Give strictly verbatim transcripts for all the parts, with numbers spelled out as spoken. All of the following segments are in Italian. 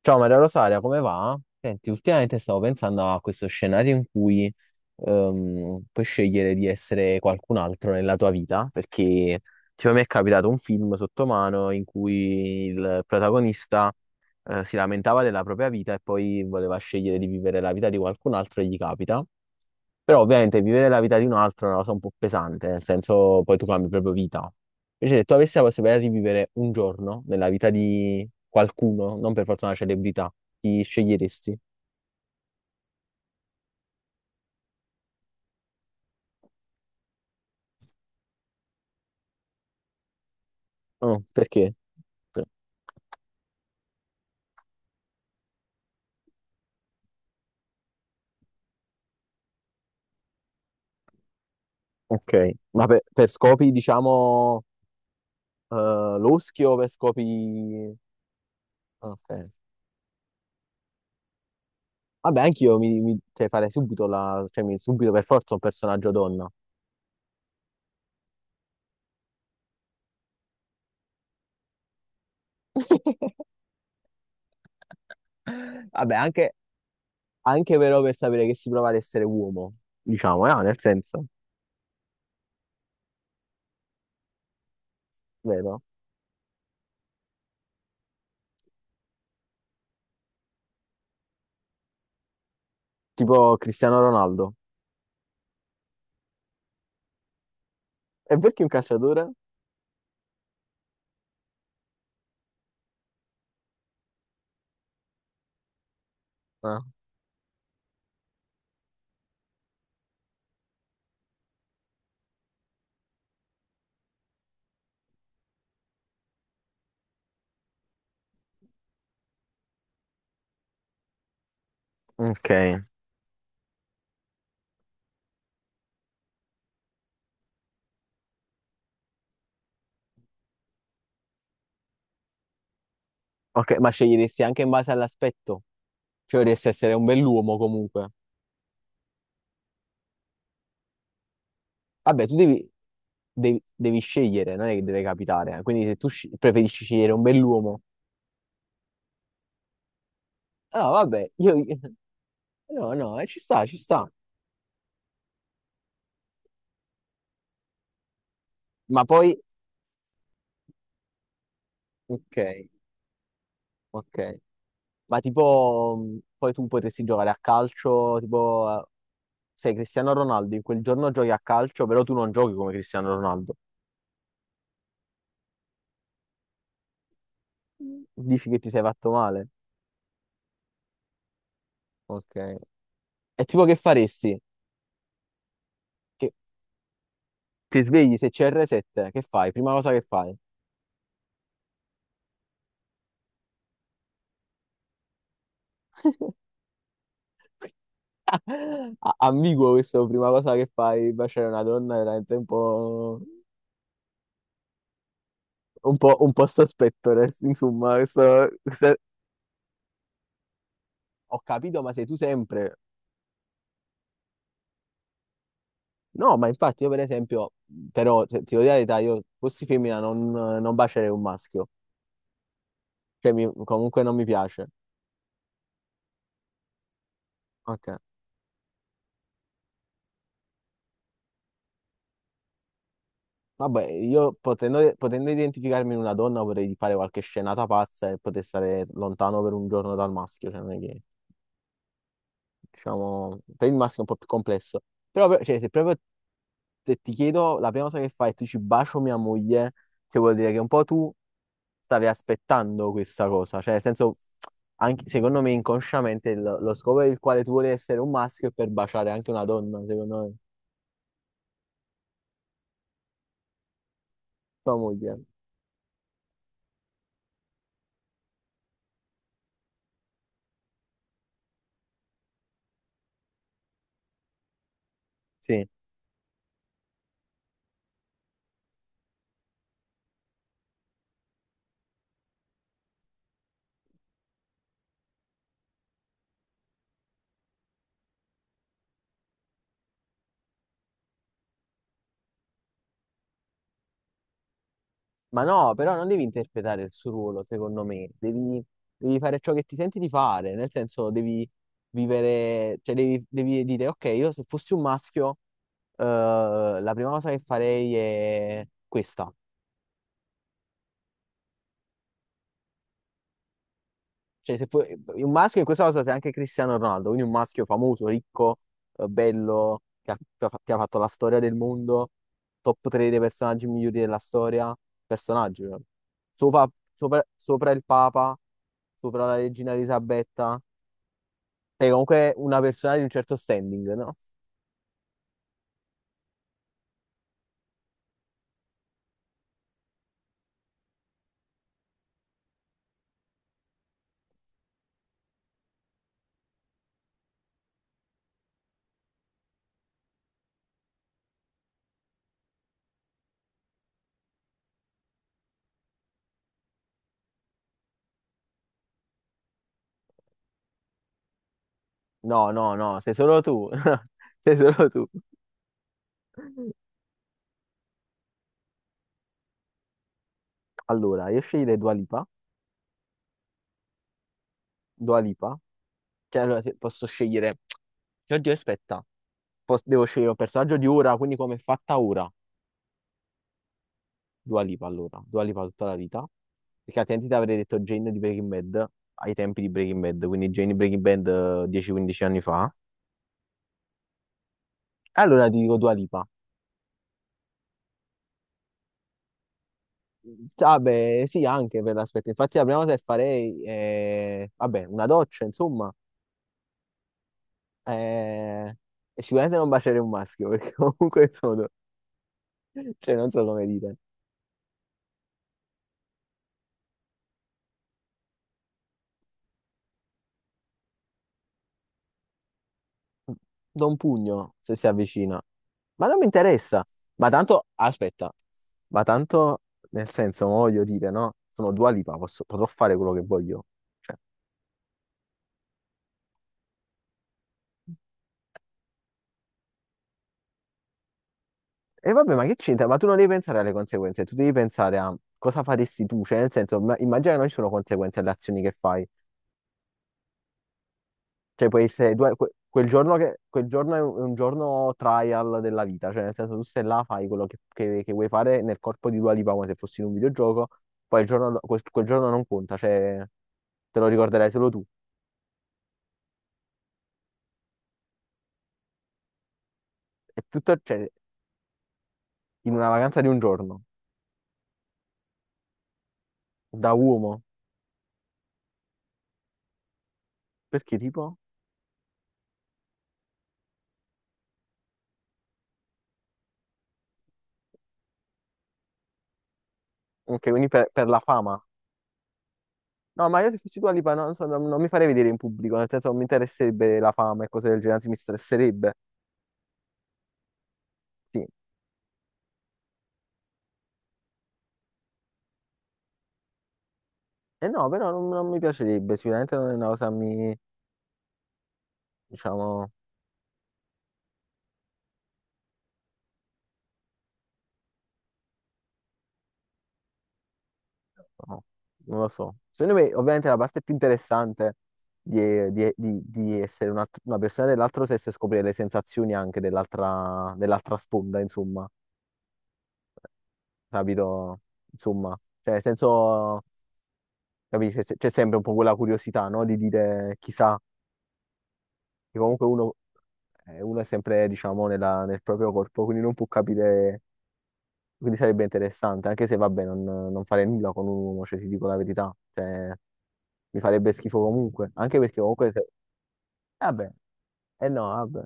Ciao Maria Rosaria, come va? Senti, ultimamente stavo pensando a questo scenario in cui ehm, puoi scegliere di essere qualcun altro nella tua vita, perché tipo, mi è capitato un film sotto mano in cui il protagonista eh, si lamentava della propria vita e poi voleva scegliere di vivere la vita di qualcun altro e gli capita. Però ovviamente vivere la vita di un altro è una cosa un po' pesante, nel senso poi tu cambi proprio vita. Invece se tu avessi la possibilità di vivere un giorno nella vita di qualcuno, non per forza una celebrità, chi sceglieresti? Oh, perché? Ok, ma per, per scopi, diciamo, eh, loschi o per scopi... Ok. Vabbè, anch'io mi, mi- cioè, farei subito la... cioè, mi- subito per forza un personaggio donna. Vabbè, anche, anche però per sapere che si prova ad essere uomo, diciamo, eh, nel senso... Vero? Tipo Cristiano Ronaldo. E perché un calciatore? Ah, ok. Ok, ma sceglieresti anche in base all'aspetto. Cioè, dovresti essere un bell'uomo comunque. Vabbè, tu devi, devi- devi scegliere, non è che deve capitare. Quindi se tu sci- preferisci scegliere un bell'uomo. No, vabbè, io... io- No, no, eh, ci sta, ci sta. Ma poi... Ok, ok. Ma tipo... mh, poi tu potresti giocare a calcio, tipo... eh, Sei Cristiano Ronaldo, in quel giorno giochi a calcio, però tu non giochi come Cristiano Ronaldo. Dici che ti sei fatto male? Ok. È tipo che faresti? Che ti svegli se c'è R sette, che fai? Prima cosa che fai? A- Ambiguo questo, prima cosa che fai, baciare una donna, è veramente un po', un po', un po' sospetto, nel- insomma, questo, questo- Ho capito, ma sei tu sempre... No, ma infatti io per esempio, però se- ti devo dire la verità, io fossi femmina non, non bacerei un maschio, cioè mi- comunque non mi piace. Ok. Vabbè, io potendo, potendo identificarmi in una donna vorrei fare qualche scenata pazza e poter stare lontano per un giorno dal maschio, cioè non è che, diciamo, per il maschio è un po' più complesso. Però, per- cioè, se proprio te- ti chiedo, la prima cosa che fai è tu ci bacio mia moglie, che vuol dire che un po' tu stavi aspettando questa cosa, cioè nel senso, anche, secondo me inconsciamente il- lo scopo per il quale tu vuoi essere un maschio è per baciare anche una donna, secondo me, tua moglie. Sì. Ma no, però non devi interpretare il suo ruolo, secondo me, devi, devi fare ciò che ti senti di fare, nel senso devi vivere, cioè devi, devi dire, ok, io se fossi un maschio, eh, la prima cosa che farei è questa. Cioè, se puoi- un maschio in questa cosa sei anche Cristiano Ronaldo, quindi un maschio famoso, ricco, eh, bello, che ha, che ha- che ha fatto la storia del mondo, top tre dei personaggi migliori della storia, personaggi, però. sopra, sopra- sopra il Papa, sopra la regina Elisabetta, sei comunque una persona di un certo standing, no? No, no, no, sei solo tu, sei solo tu. Allora, io sceglierei Dua Lipa, Dua Lipa, cioè allora, se posso scegliere, oddio aspetta, po- devo scegliere un personaggio di ora, quindi come è fatta ora, Dua Lipa allora, Dua Lipa tutta la vita, perché altrimenti ti avrei detto Jane di Breaking Bad ai tempi di Breaking Bad, quindi Jane di Breaking Bad eh, dieci quindici anni fa. Allora ti dico Dua Lipa. Vabbè, sì, anche per l'aspetto. Infatti la prima cosa che farei è, vabbè, una doccia, insomma, eh, e sicuramente non baciare un maschio, perché comunque sono, cioè non so come dire. Do un pugno se si avvicina. Ma non mi interessa. Ma tanto, aspetta, ma tanto nel senso, mo voglio dire, no? Sono Dua Lipa, posso, potrò fare quello che voglio. Cioè, e vabbè, ma che c'entra? Ma tu non devi pensare alle conseguenze, tu devi pensare a cosa faresti tu, cioè nel senso, ma- immagina che non ci sono conseguenze alle azioni che fai. Cioè, può essere due, que- quel giorno, che, quel giorno è un è un giorno trial della vita, cioè nel senso tu stai là, fai quello che, che- che vuoi fare nel corpo di Dua Lipa come se fossi in un videogioco, poi il giorno do- quel, quel giorno non conta, cioè te lo ricorderai solo tu. È tutto, cioè, in una vacanza di un giorno, da uomo, perché tipo? Ok, quindi per, per la fama. No, ma io se fossi Dua Lipa no, non, so, non- non mi farei vedere in pubblico, nel senso non mi interesserebbe la fama e cose del genere, anzi mi stresserebbe, sì. E no, però non, non mi piacerebbe, sicuramente non è una cosa che mi, diciamo... No, non lo so. Secondo me, ovviamente, la parte più interessante di, di- di- di essere una, una persona dell'altro sesso è scoprire le sensazioni anche dell'altra dell'altra sponda, insomma, capito? Insomma, cioè, nel senso, capisci, c'è c'è sempre un po' quella curiosità, no? Di dire chissà, che comunque uno, eh, uno è sempre, diciamo, nella- nel proprio corpo, quindi non può capire, quindi sarebbe interessante, anche se, vabbè, non, non fare nulla con un uomo, cioè, ti dico la verità, cioè, mi farebbe schifo comunque, anche perché comunque... se- Vabbè, eh no, vabbè.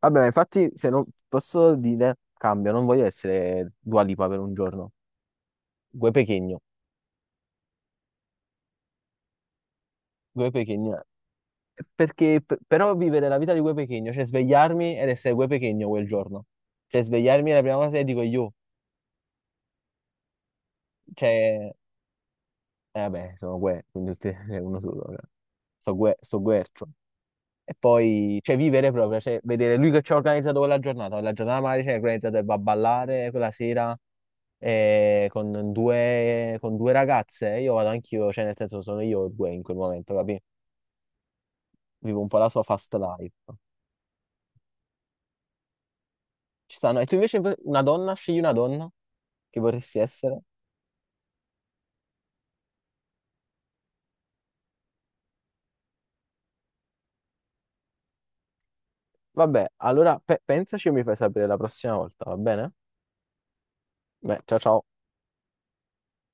Vabbè, ma infatti, se non posso dire, cambio, non voglio essere Dua Lipa per un giorno. Gue Pequeno, Gue Pequeno. Perché, p- però, vivere la vita di Gue Pequeno, cioè svegliarmi ed essere Gue Pequeno quel giorno. Cioè, svegliarmi è la prima cosa che dico io. Cioè, eh, vabbè, sono Gue, quindi tutti, è uno solo. Cioè. So Gue, so Guercio. E poi, cioè, vivere proprio, cioè, vedere lui che ci ha organizzato quella giornata, la giornata magari ci ha organizzato e va a ballare quella sera eh, con due, con due ragazze, io vado anch'io, cioè, nel senso, sono io e due in quel momento, capi? Vivo un po' la sua fast life. Ci stanno, e tu invece una donna, scegli una donna che vorresti essere. Vabbè, allora pe- pensaci e mi fai sapere la prossima volta, va bene? Beh, ciao ciao.